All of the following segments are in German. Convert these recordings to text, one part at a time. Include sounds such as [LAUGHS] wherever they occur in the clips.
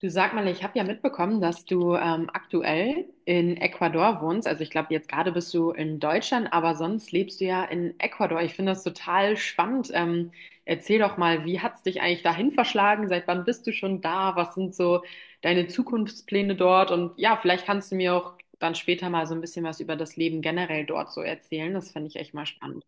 Du, sag mal, ich habe ja mitbekommen, dass du aktuell in Ecuador wohnst. Also ich glaube, jetzt gerade bist du in Deutschland, aber sonst lebst du ja in Ecuador. Ich finde das total spannend. Erzähl doch mal, wie hat's dich eigentlich dahin verschlagen? Seit wann bist du schon da? Was sind so deine Zukunftspläne dort? Und ja, vielleicht kannst du mir auch dann später mal so ein bisschen was über das Leben generell dort so erzählen. Das finde ich echt mal spannend.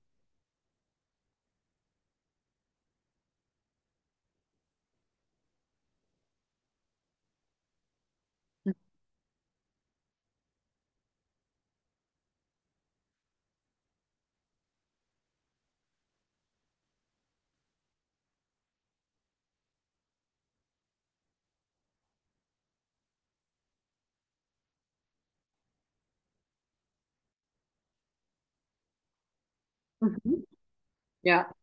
Mhm. Ja.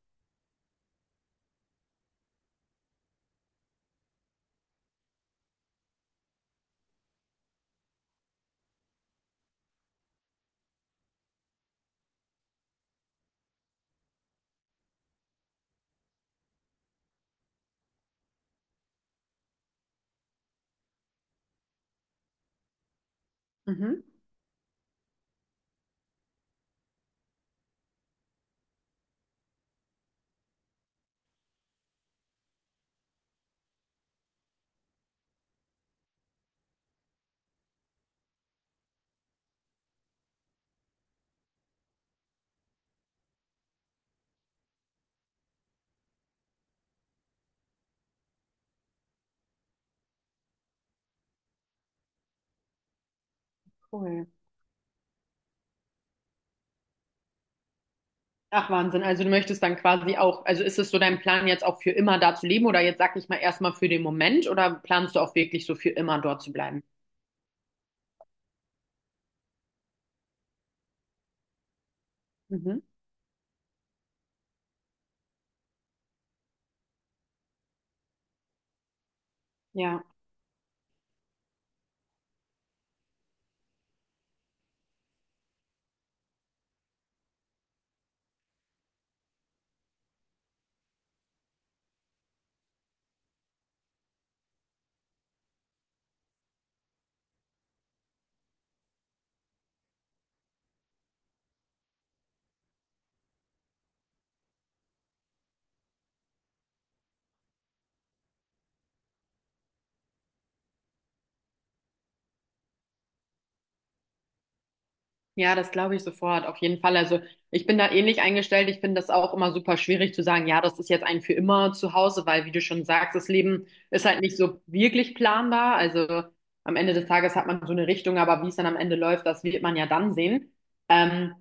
Mhm. Cool. Ach Wahnsinn, also du möchtest dann quasi auch, also ist es so dein Plan jetzt auch für immer da zu leben oder jetzt sag ich mal erstmal für den Moment oder planst du auch wirklich so für immer dort zu bleiben? Mhm. Ja. Ja, das glaube ich sofort, auf jeden Fall. Also ich bin da ähnlich eingestellt. Ich finde das auch immer super schwierig zu sagen, ja, das ist jetzt ein für immer zu Hause, weil, wie du schon sagst, das Leben ist halt nicht so wirklich planbar. Also am Ende des Tages hat man so eine Richtung, aber wie es dann am Ende läuft, das wird man ja dann sehen. Ähm,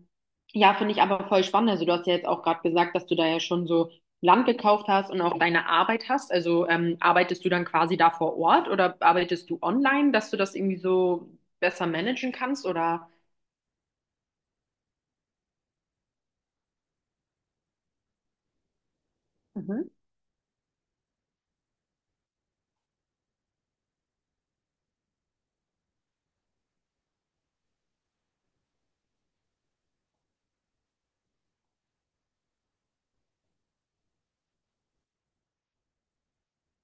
ja, finde ich aber voll spannend. Also du hast ja jetzt auch gerade gesagt, dass du da ja schon so Land gekauft hast und auch deine Arbeit hast. Also arbeitest du dann quasi da vor Ort oder arbeitest du online, dass du das irgendwie so besser managen kannst oder? Mhm.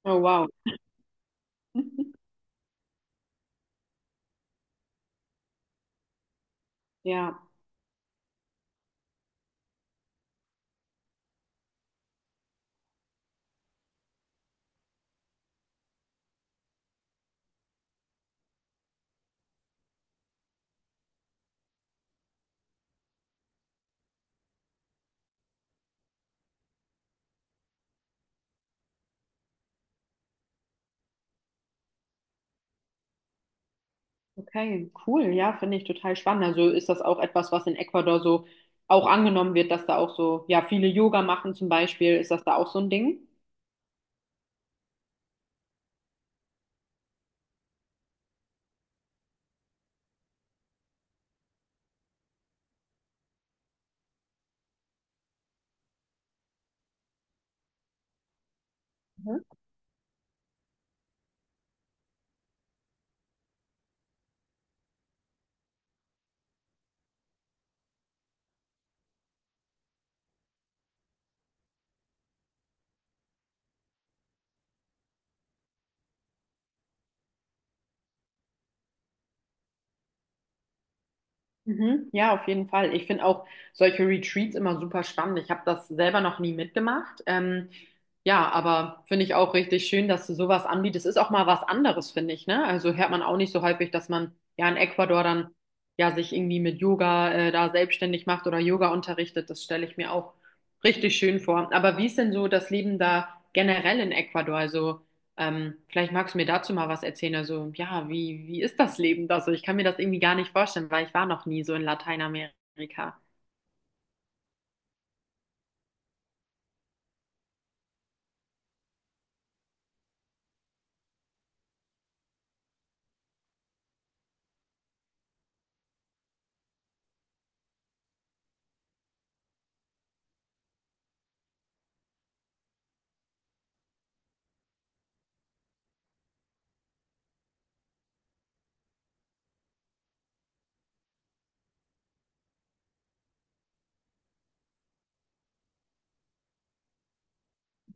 Oh, wow. [LAUGHS] Ja, okay, cool. Ja, finde ich total spannend. Also ist das auch etwas, was in Ecuador so auch angenommen wird, dass da auch so, ja, viele Yoga machen zum Beispiel. Ist das da auch so ein Ding? Mhm. Ja, auf jeden Fall. Ich finde auch solche Retreats immer super spannend. Ich habe das selber noch nie mitgemacht. Ja, aber finde ich auch richtig schön, dass du sowas anbietest. Ist auch mal was anderes, finde ich, ne? Also hört man auch nicht so häufig, dass man ja in Ecuador dann ja sich irgendwie mit Yoga da selbstständig macht oder Yoga unterrichtet. Das stelle ich mir auch richtig schön vor. Aber wie ist denn so das Leben da generell in Ecuador? Also vielleicht magst du mir dazu mal was erzählen. Also, ja, wie, wie ist das Leben da so? Ich kann mir das irgendwie gar nicht vorstellen, weil ich war noch nie so in Lateinamerika.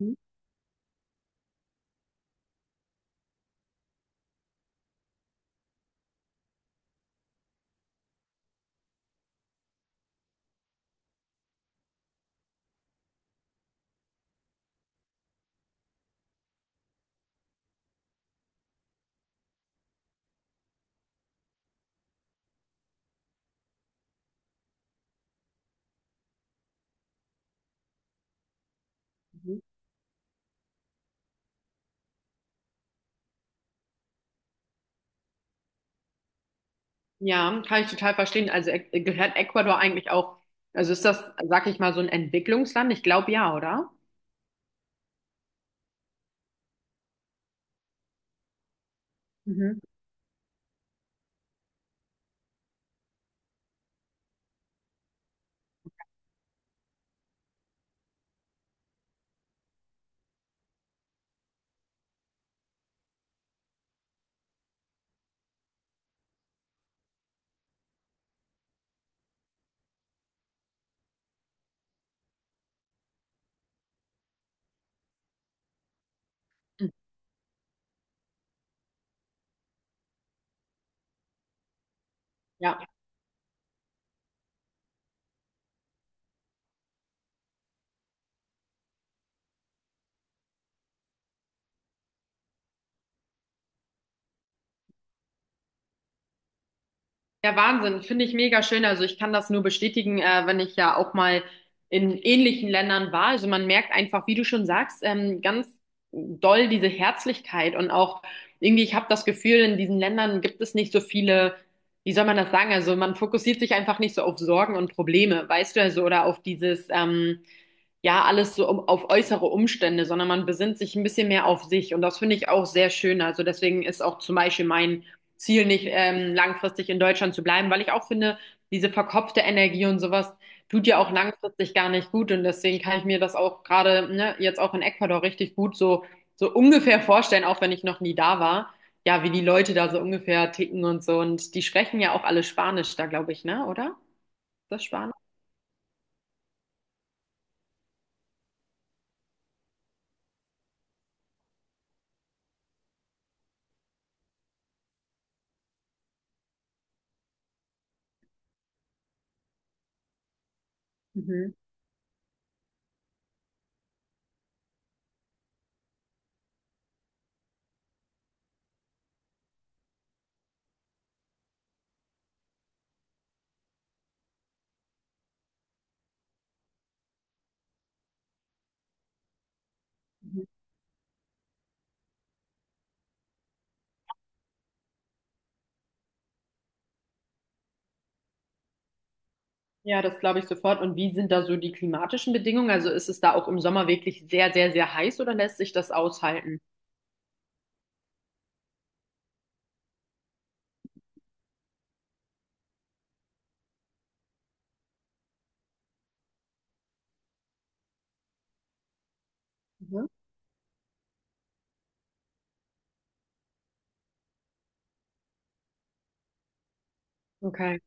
Mhm, mhm. Ja, kann ich total verstehen. Also gehört Ecuador eigentlich auch, also ist das, sag ich mal, so ein Entwicklungsland? Ich glaube ja, oder? Mhm. Ja. Ja, Wahnsinn, finde ich mega schön. Also ich kann das nur bestätigen, wenn ich ja auch mal in ähnlichen Ländern war. Also man merkt einfach, wie du schon sagst, ganz doll diese Herzlichkeit und auch irgendwie, ich habe das Gefühl, in diesen Ländern gibt es nicht so viele, wie soll man das sagen? Also man fokussiert sich einfach nicht so auf Sorgen und Probleme, weißt du, also oder auf dieses, ja alles so um, auf äußere Umstände, sondern man besinnt sich ein bisschen mehr auf sich. Und das finde ich auch sehr schön. Also deswegen ist auch zum Beispiel mein Ziel nicht, langfristig in Deutschland zu bleiben, weil ich auch finde, diese verkopfte Energie und sowas tut ja auch langfristig gar nicht gut. Und deswegen kann ich mir das auch gerade, ne, jetzt auch in Ecuador richtig gut so, so ungefähr vorstellen, auch wenn ich noch nie da war. Ja, wie die Leute da so ungefähr ticken und so. Und die sprechen ja auch alle Spanisch da, glaube ich, ne? Oder? Ist das Spanisch? Mhm. Ja, das glaube ich sofort. Und wie sind da so die klimatischen Bedingungen? Also ist es da auch im Sommer wirklich sehr, sehr, sehr heiß oder lässt sich das aushalten? Mhm. Okay.